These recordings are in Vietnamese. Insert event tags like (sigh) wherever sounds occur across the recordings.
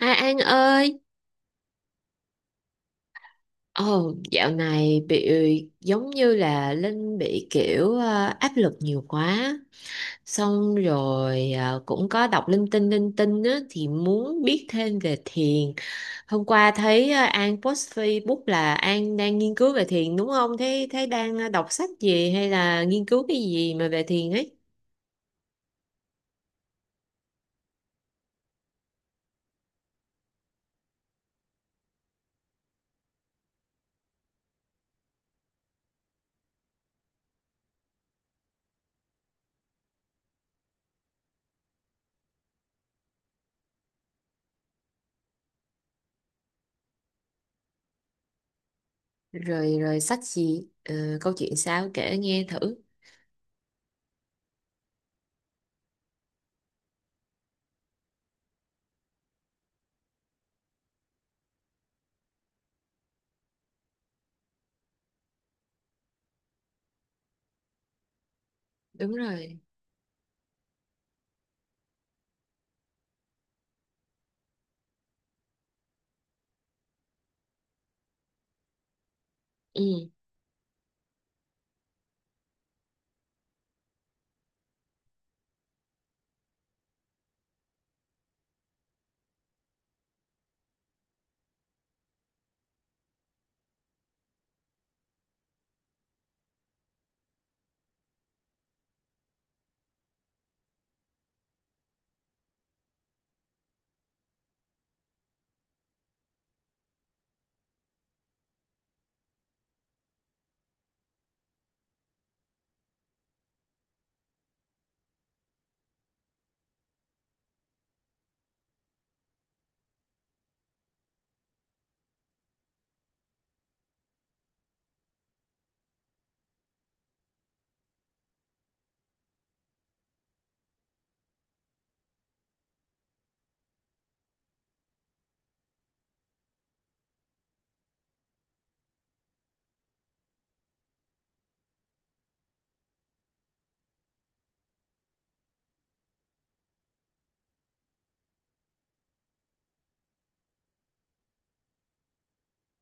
Hai An ơi, ồ dạo này bị giống như là Linh bị kiểu áp lực nhiều quá, xong rồi cũng có đọc linh tinh á, thì muốn biết thêm về thiền. Hôm qua thấy An post Facebook là An đang nghiên cứu về thiền đúng không? Thế thế đang đọc sách gì hay là nghiên cứu cái gì mà về thiền ấy? Rồi rồi sách gì? Ờ, câu chuyện sao kể nghe thử. Đúng rồi. Ừ.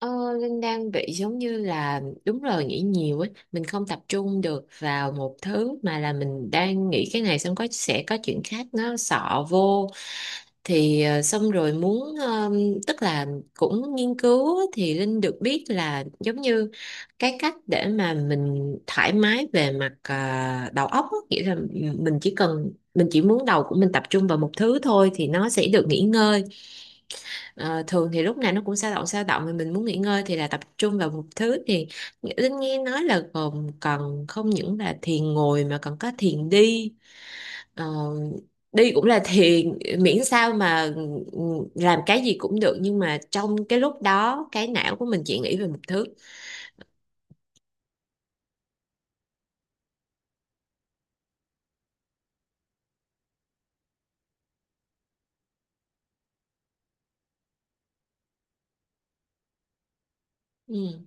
Ờ, Linh đang bị giống như là đúng rồi nghĩ nhiều ấy, mình không tập trung được vào một thứ, mà là mình đang nghĩ cái này xong có sẽ có chuyện khác nó xọ vô, thì xong rồi muốn tức là cũng nghiên cứu thì Linh được biết là giống như cái cách để mà mình thoải mái về mặt đầu óc á, nghĩa là mình chỉ muốn đầu của mình tập trung vào một thứ thôi thì nó sẽ được nghỉ ngơi. Ờ, thường thì lúc nào nó cũng sao động sao động, mà mình muốn nghỉ ngơi thì là tập trung vào một thứ thì Linh nghe nói là còn cần không những là thiền ngồi mà còn có thiền đi. Ờ, đi cũng là thiền, miễn sao mà ừ, làm cái gì cũng được, nhưng mà trong cái lúc đó cái não của mình chỉ nghĩ về một thứ. Ừ.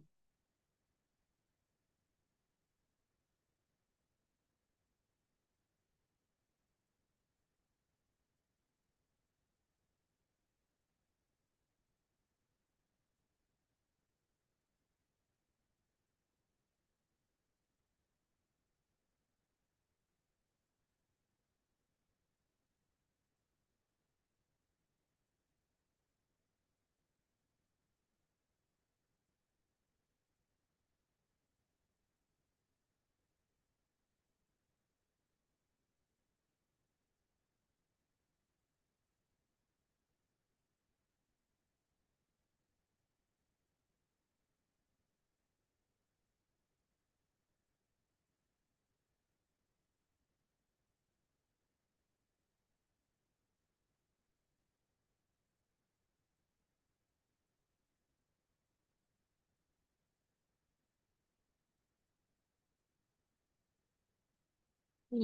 Ừ.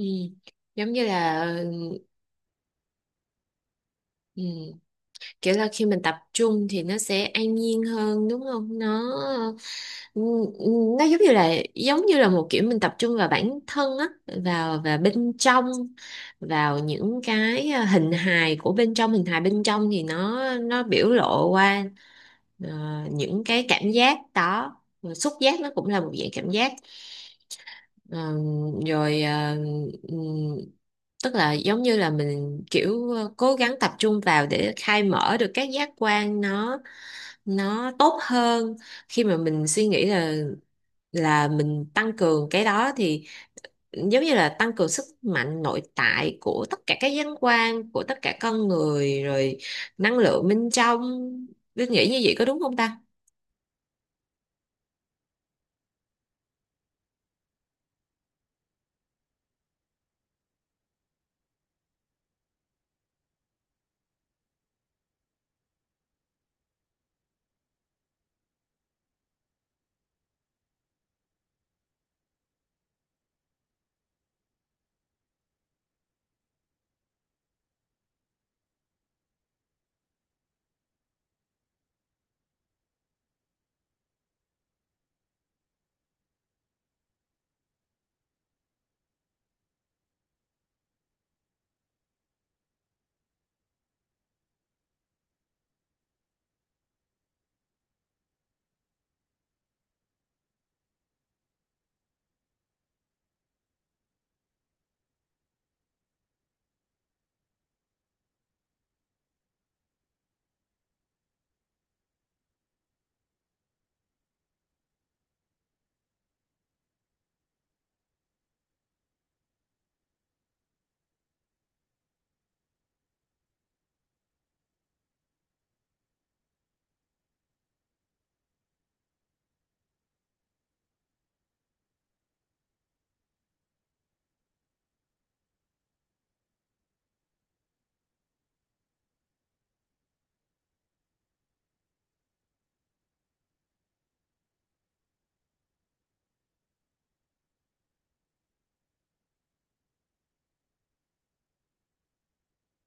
Giống như là ừ, kiểu là khi mình tập trung thì nó sẽ an nhiên hơn đúng không nó. Ừ, ừ, nó giống như là một kiểu mình tập trung vào bản thân á, vào và bên trong, vào những cái à, hình hài của bên trong, hình hài bên trong thì nó biểu lộ qua ờ, những cái cảm giác đó. Rồi xúc giác nó cũng là một dạng cảm giác. Ờ, rồi ừm, tức là giống như là mình kiểu cố gắng tập trung vào để khai mở được các giác quan nó tốt hơn. Khi mà mình suy nghĩ là mình tăng cường cái đó thì giống như là tăng cường sức mạnh nội tại của tất cả các giác quan của tất cả con người, rồi năng lượng bên trong. Biết nghĩ như vậy có đúng không ta?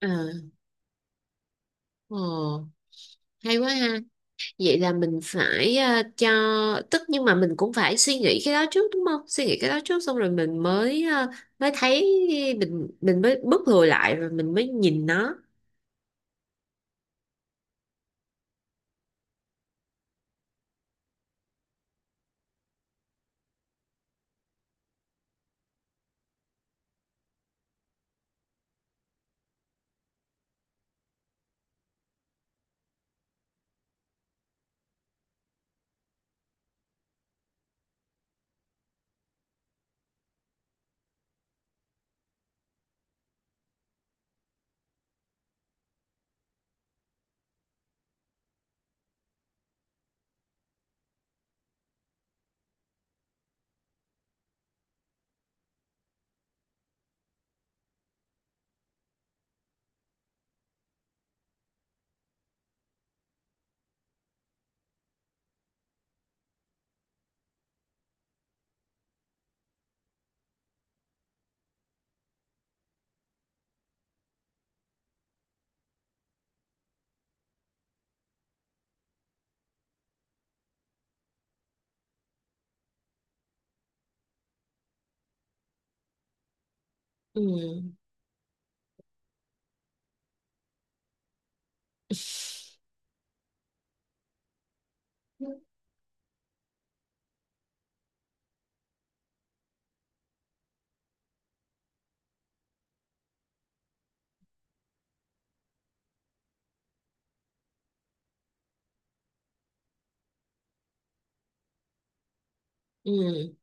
À, ồ, hay quá ha. Vậy là mình phải cho, tức nhưng mà mình cũng phải suy nghĩ cái đó trước đúng không? Suy nghĩ cái đó trước xong rồi mình mới mới thấy mình mới bước lùi lại rồi mình mới nhìn nó. Ừ. Ừ.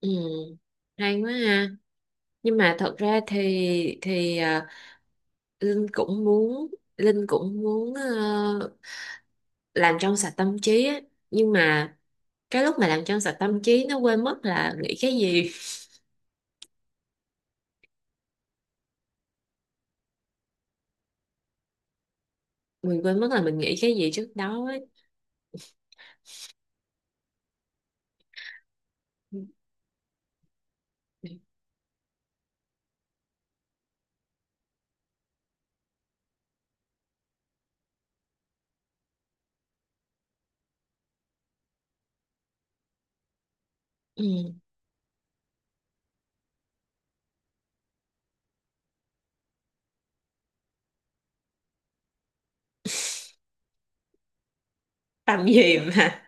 Ừ. Hay quá ha. Nhưng mà thật ra thì Linh cũng muốn Linh cũng muốn làm trong sạch tâm trí á. Nhưng mà cái lúc mà làm trong sạch tâm trí nó quên mất là nghĩ cái gì, mình quên mất là mình nghĩ cái gì trước đó ấy. Ừ. Tâm gì mà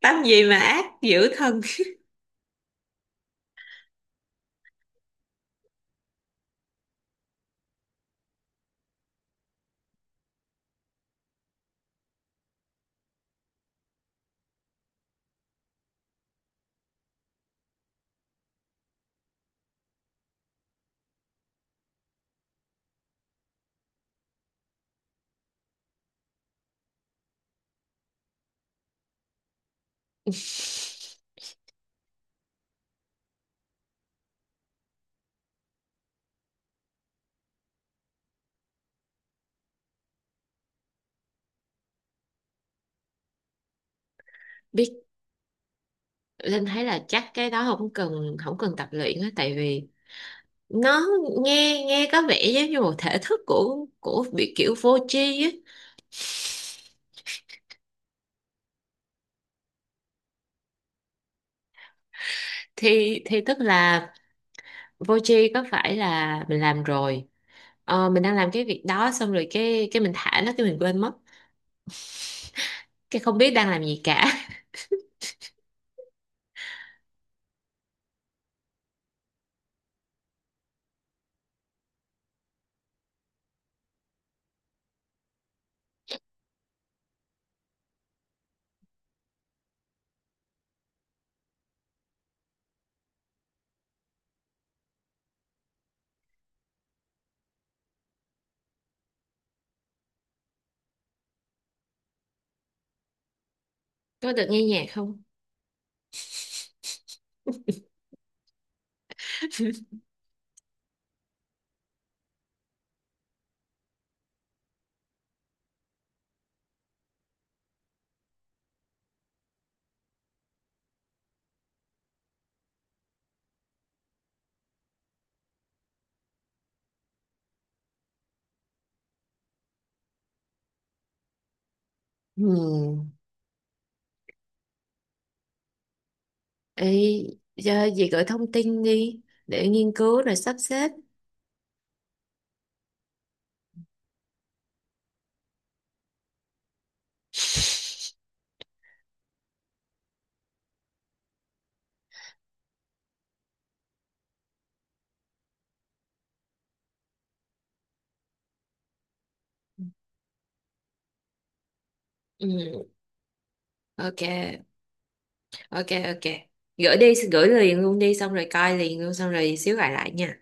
tâm gì mà ác dữ thân. (laughs) Biết, Linh thấy là chắc cái đó không cần tập luyện á, tại vì nó nghe, nghe có vẻ giống như một thể thức của bị kiểu vô tri á. Thì tức là Voji có phải là mình làm rồi mình đang làm cái việc đó xong rồi cái mình thả nó cái mình quên mất, cái không biết đang làm gì cả. (laughs) Có được nghe nhạc không? Hmm. Ê, giờ gì gửi thông tin đi để nghiên cứu rồi sắp xếp. (laughs) Ừ. Ok, ok, ok, gửi đi gửi liền luôn đi, xong rồi coi liền luôn, xong rồi xíu gọi lại nha.